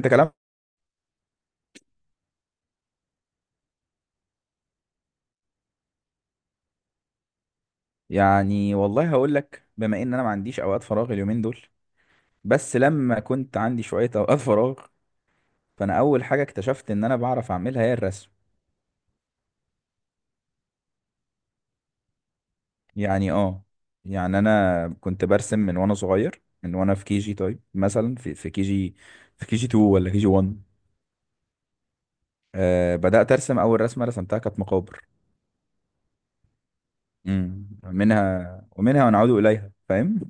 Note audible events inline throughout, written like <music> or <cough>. انت كلام. يعني والله هقول لك، بما ان انا ما عنديش اوقات فراغ اليومين دول. بس لما كنت عندي شوية اوقات فراغ، فانا اول حاجة اكتشفت ان انا بعرف اعملها هي الرسم. يعني اه، يعني انا كنت برسم من وانا صغير، من وانا في كي جي. طيب مثلا في كي جي 2 ولا كي جي 1؟ بدأت ارسم، اول رسمة رسمتها كانت مقابر. منها ومنها ونعود اليها، فاهم.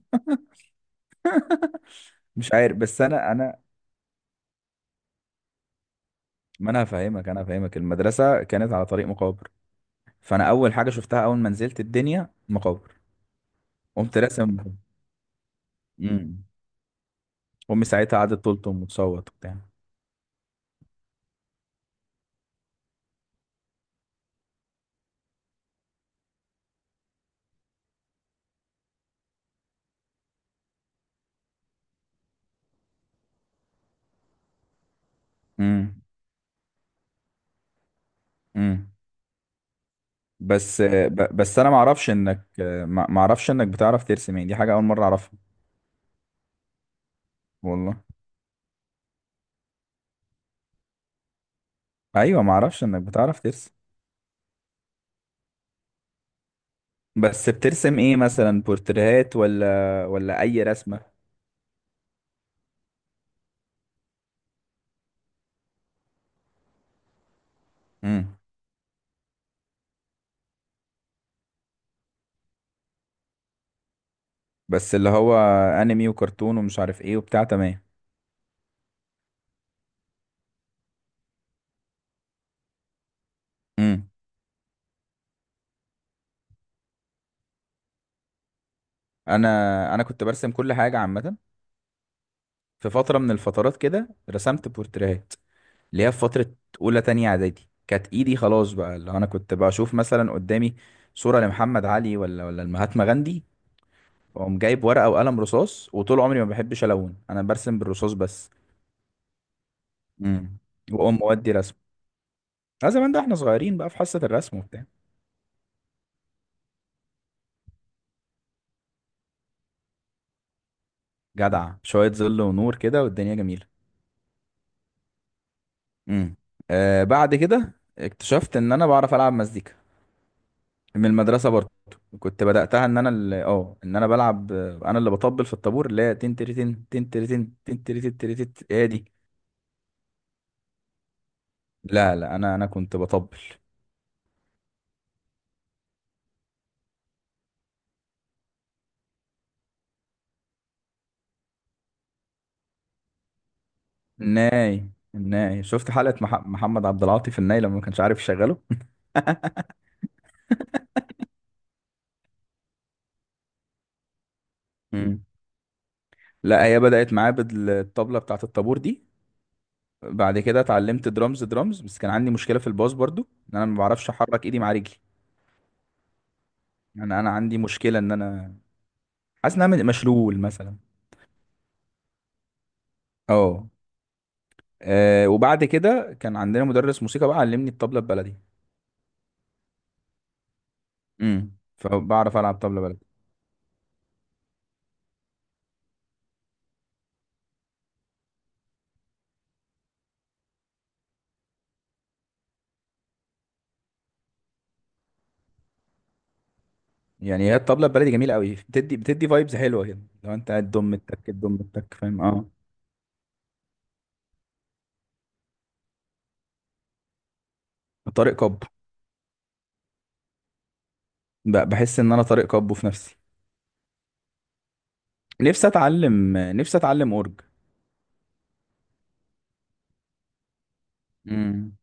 مش عارف، بس انا ما انا هفهمك المدرسة كانت على طريق مقابر، فانا اول حاجه شفتها اول ما نزلت الدنيا مقابر. قمت راسم. امم امي ساعتها قعدت تلطم وتصوت وبتاع. امم امم بس بس انا ما اعرفش انك بتعرف ترسم، يعني دي حاجه اول مره اعرفها. والله. ايوه، ما اعرفش انك بتعرف ترسم. بس بترسم ايه؟ مثلا بورتريهات ولا اي رسمه؟ امم بس اللي هو انمي وكرتون ومش عارف ايه وبتاع، تمام. امم انا انا كنت برسم كل حاجه عامه. في فتره من الفترات كده رسمت بورتريهات، اللي هي في فترة أولى تانية إعدادي، كانت إيدي خلاص بقى، اللي أنا كنت بشوف مثلا قدامي صورة لمحمد علي ولا المهاتما غاندي، وأقوم جايب ورقة وقلم رصاص. وطول عمري ما بحبش ألون، أنا برسم بالرصاص بس. امم وأقوم مودي رسم. لا زمان ده إحنا صغيرين بقى في حصة الرسم وبتاع. جدع، شوية ظل ونور كده والدنيا جميلة. امم بعد كده اكتشفت إن أنا بعرف ألعب مزيكا، من المدرسه برضه. كنت بداتها ان انا اللي اه ان انا بلعب انا اللي بطبل في الطابور، اللي هي تن تريتن تن تريتن تن تريتن تريتن، هي دي. لا لا، انا كنت بطبل. الناي شفت حلقه محمد عبد العاطي في الناي لما ما كانش عارف يشغله. <laughs> مم. لا هي بدات معايا بالطبله بتاعه الطابور دي. بعد كده اتعلمت درامز درامز، بس كان عندي مشكله في الباص برضو، ان انا ما بعرفش احرك ايدي مع رجلي. يعني انا عندي مشكله، ان انا حاسس ان انا مشلول مثلا، اه. وبعد كده كان عندنا مدرس موسيقى بقى، علمني الطبلة البلدي. فبعرف العب طبلة بلدي. يعني هي الطبلة البلدي جميلة قوي، بتدي فايبز حلوة كده. لو انت قاعد دم التك دم التك، فاهم، اه. طارق كابو، بحس ان انا طارق كابو في نفسي. نفسي اتعلم اورج. امم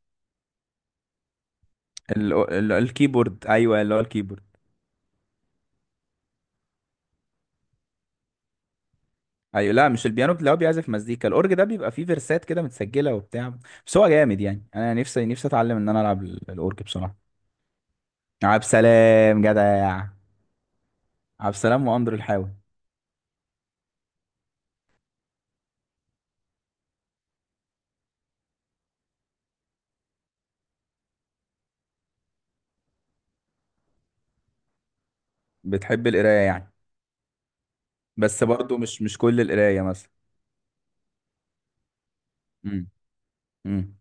الكيبورد، ايوه اللي هو الكيبورد. ايوه، لا، مش البيانو اللي هو بيعزف مزيكا، الاورج ده بيبقى فيه فيرسات كده متسجله وبتاع. بس هو جامد، يعني انا نفسي اتعلم ان انا العب الاورج بصراحه. عب سلام جدع. عبد السلام وأندر الحاوي. بتحب القراية يعني؟ بس برضو مش كل القراية مثلا. امم امم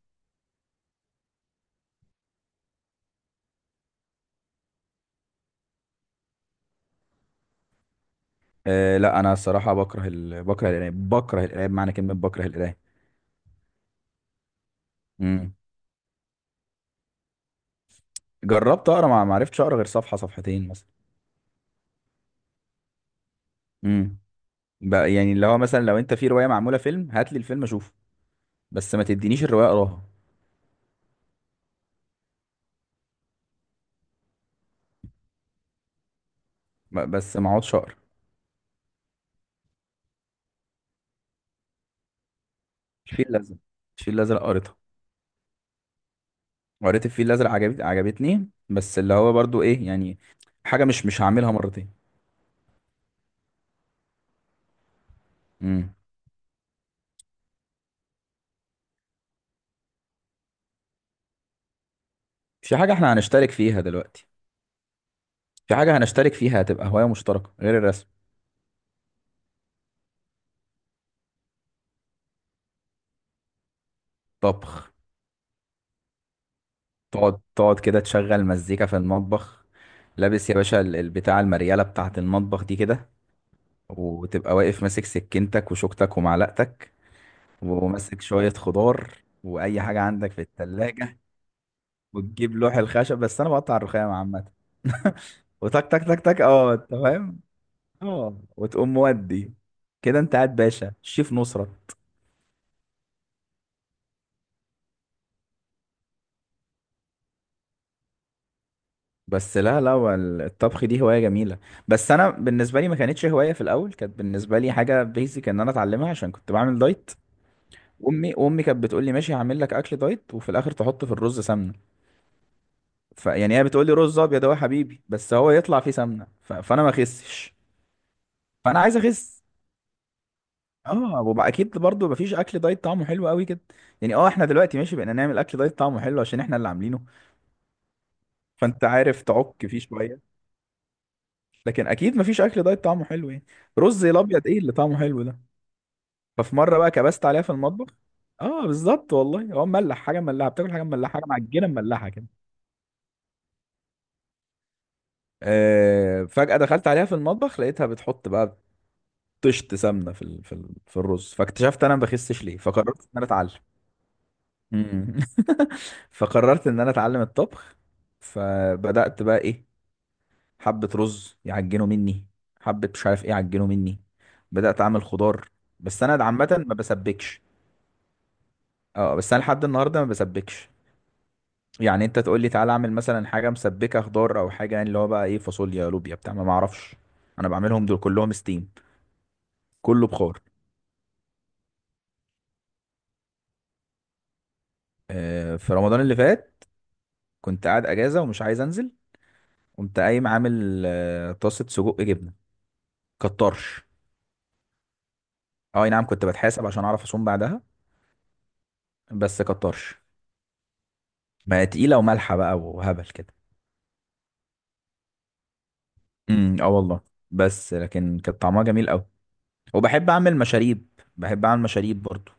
لا، أنا الصراحة بكره بكره القراية بمعنى كلمة بكره القراية. امم جربت أقرأ، ما عرفتش أقرأ غير صفحة صفحتين مثلا. امم بقى يعني اللي هو مثلا لو أنت في رواية معمولة فيلم هات لي الفيلم أشوفه، بس ما تدينيش الرواية أقراها. بس ما أقعدش أقرأ. الفيل الأزرق الفيل الأزرق قريتها، قريت الفيل الأزرق، عجبتني، بس اللي هو برضو إيه يعني، حاجة مش هعملها مرتين. امم في حاجة احنا هنشترك فيها دلوقتي، في حاجة هنشترك فيها، هتبقى هواية مشتركة غير الرسم. طبخ. تقعد كده تشغل مزيكا في المطبخ. لابس يا باشا البتاع، المريالة بتاعة المطبخ دي كده. وتبقى واقف ماسك سكينتك وشوكتك ومعلقتك، وماسك شوية خضار وأي حاجة عندك في التلاجة. وتجيب لوح الخشب، بس أنا بقطع الرخام عامة. <laughs> وتك تك تك تك، اه، انت فاهم. اه وتقوم مودي كده، انت قاعد باشا شيف نصرة. بس لا لا، هو الطبخ دي هواية جميلة. بس أنا بالنسبة لي ما كانتش هواية في الأول، كانت بالنسبة لي حاجة بيزك إن أنا أتعلمها عشان كنت بعمل دايت. وأمي كانت بتقول لي ماشي هعمل لك أكل دايت، وفي الآخر تحط في الرز سمنة. فيعني هي بتقول لي رز أبيض أهو يا حبيبي، بس هو يطلع فيه سمنة. فأنا ما أخسش، فأنا عايز أخس. وبقى أكيد برضه مفيش أكل دايت طعمه حلو قوي كده. يعني إحنا دلوقتي ماشي بقينا نعمل أكل دايت طعمه حلو عشان إحنا اللي عاملينه، فأنت عارف تعك فيه شوية. لكن أكيد مفيش أكل دايت طعمه حلو يعني، رز الأبيض إيه اللي طعمه حلو ده؟ ففي مره بقى كبست عليها في المطبخ. اه بالظبط والله، هو مملح، حاجه مملحه، بتاكل حاجه مملحه، حاجه معجنه مملحه كده. فجاه دخلت عليها في المطبخ لقيتها بتحط بقى طشت سمنه في الرز، فاكتشفت انا ما بخسش ليه، فقررت ان انا اتعلم. مم. <laughs> فقررت ان انا اتعلم الطبخ. فبدات بقى ايه، حبه رز يعجنوا مني، حبه مش عارف ايه يعجنوا مني، بدات اعمل خضار. بس انا عامه ما بسبكش، اه بس انا لحد النهارده ما بسبكش. يعني انت تقول لي تعالى اعمل مثلا حاجه مسبكه، خضار او حاجه، يعني اللي هو بقى ايه، فاصوليا، لوبيا، بتاع، ما معرفش، انا بعملهم دول كلهم ستيم، كله بخار. في رمضان اللي فات كنت قاعد اجازه ومش عايز انزل، قمت قايم عامل طاسه سجق جبنه، كطرش. اه أي نعم، كنت بتحاسب عشان اعرف اصوم بعدها. بس كطرش، ما هي تقيله ومالحه بقى وهبل كده. اه والله. بس لكن كانت طعمها جميل قوي. وبحب اعمل مشاريب برضو.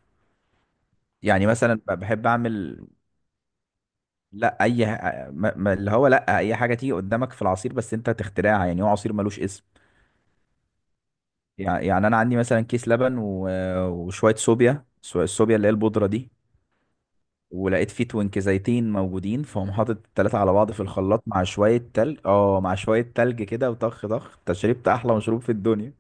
يعني مثلا بحب اعمل، لا اي ح- ما ما- اللي هو لا، اي حاجه تيجي قدامك في العصير، بس انت تخترعها، يعني هو عصير ملوش اسم. يعني انا عندي مثلا كيس لبن وشويه صوبيا، الصوبيا اللي هي البودره دي. ولقيت فيه توينك زيتين موجودين، فهم حاطط التلاته على بعض في الخلاط مع شويه تلج كده، وطخ طخ، انت شربت احلى مشروب في الدنيا.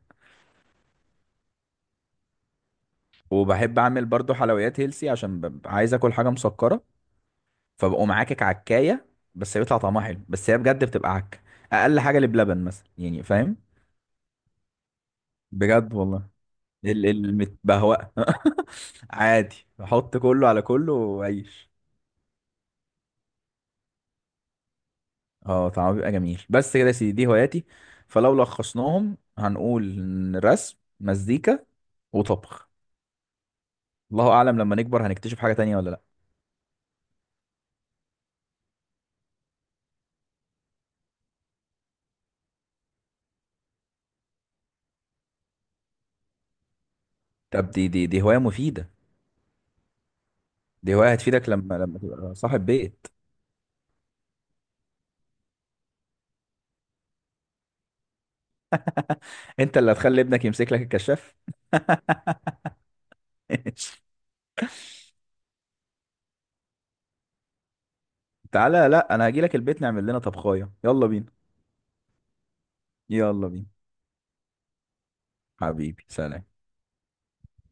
وبحب اعمل برضو حلويات هيلسي عشان ببقى عايز اكل حاجه مسكره. فبقوم عاكك عكايه، بس بيطلع طعمها حلو، بس هي بجد بتبقى عك. اقل حاجه اللي بلبن مثلا، يعني فاهم، بجد والله. المتبهوأة. <laughs> عادي، بحط كله على كله وعيش. اه طعمه بيبقى جميل. بس كده يا سيدي، دي هواياتي. فلو لخصناهم هنقول إن رسم، مزيكا، وطبخ. الله اعلم لما نكبر هنكتشف حاجة تانية ولا لا. طب دي هواية مفيدة. دي هواية هتفيدك لما تبقى صاحب بيت. انت اللي هتخلي ابنك يمسك لك الكشاف. <laughs> تعالى، لا انا هجي لك البيت نعمل لنا طبخاية، يلا بينا. يلا بينا، حبيبي، سلام.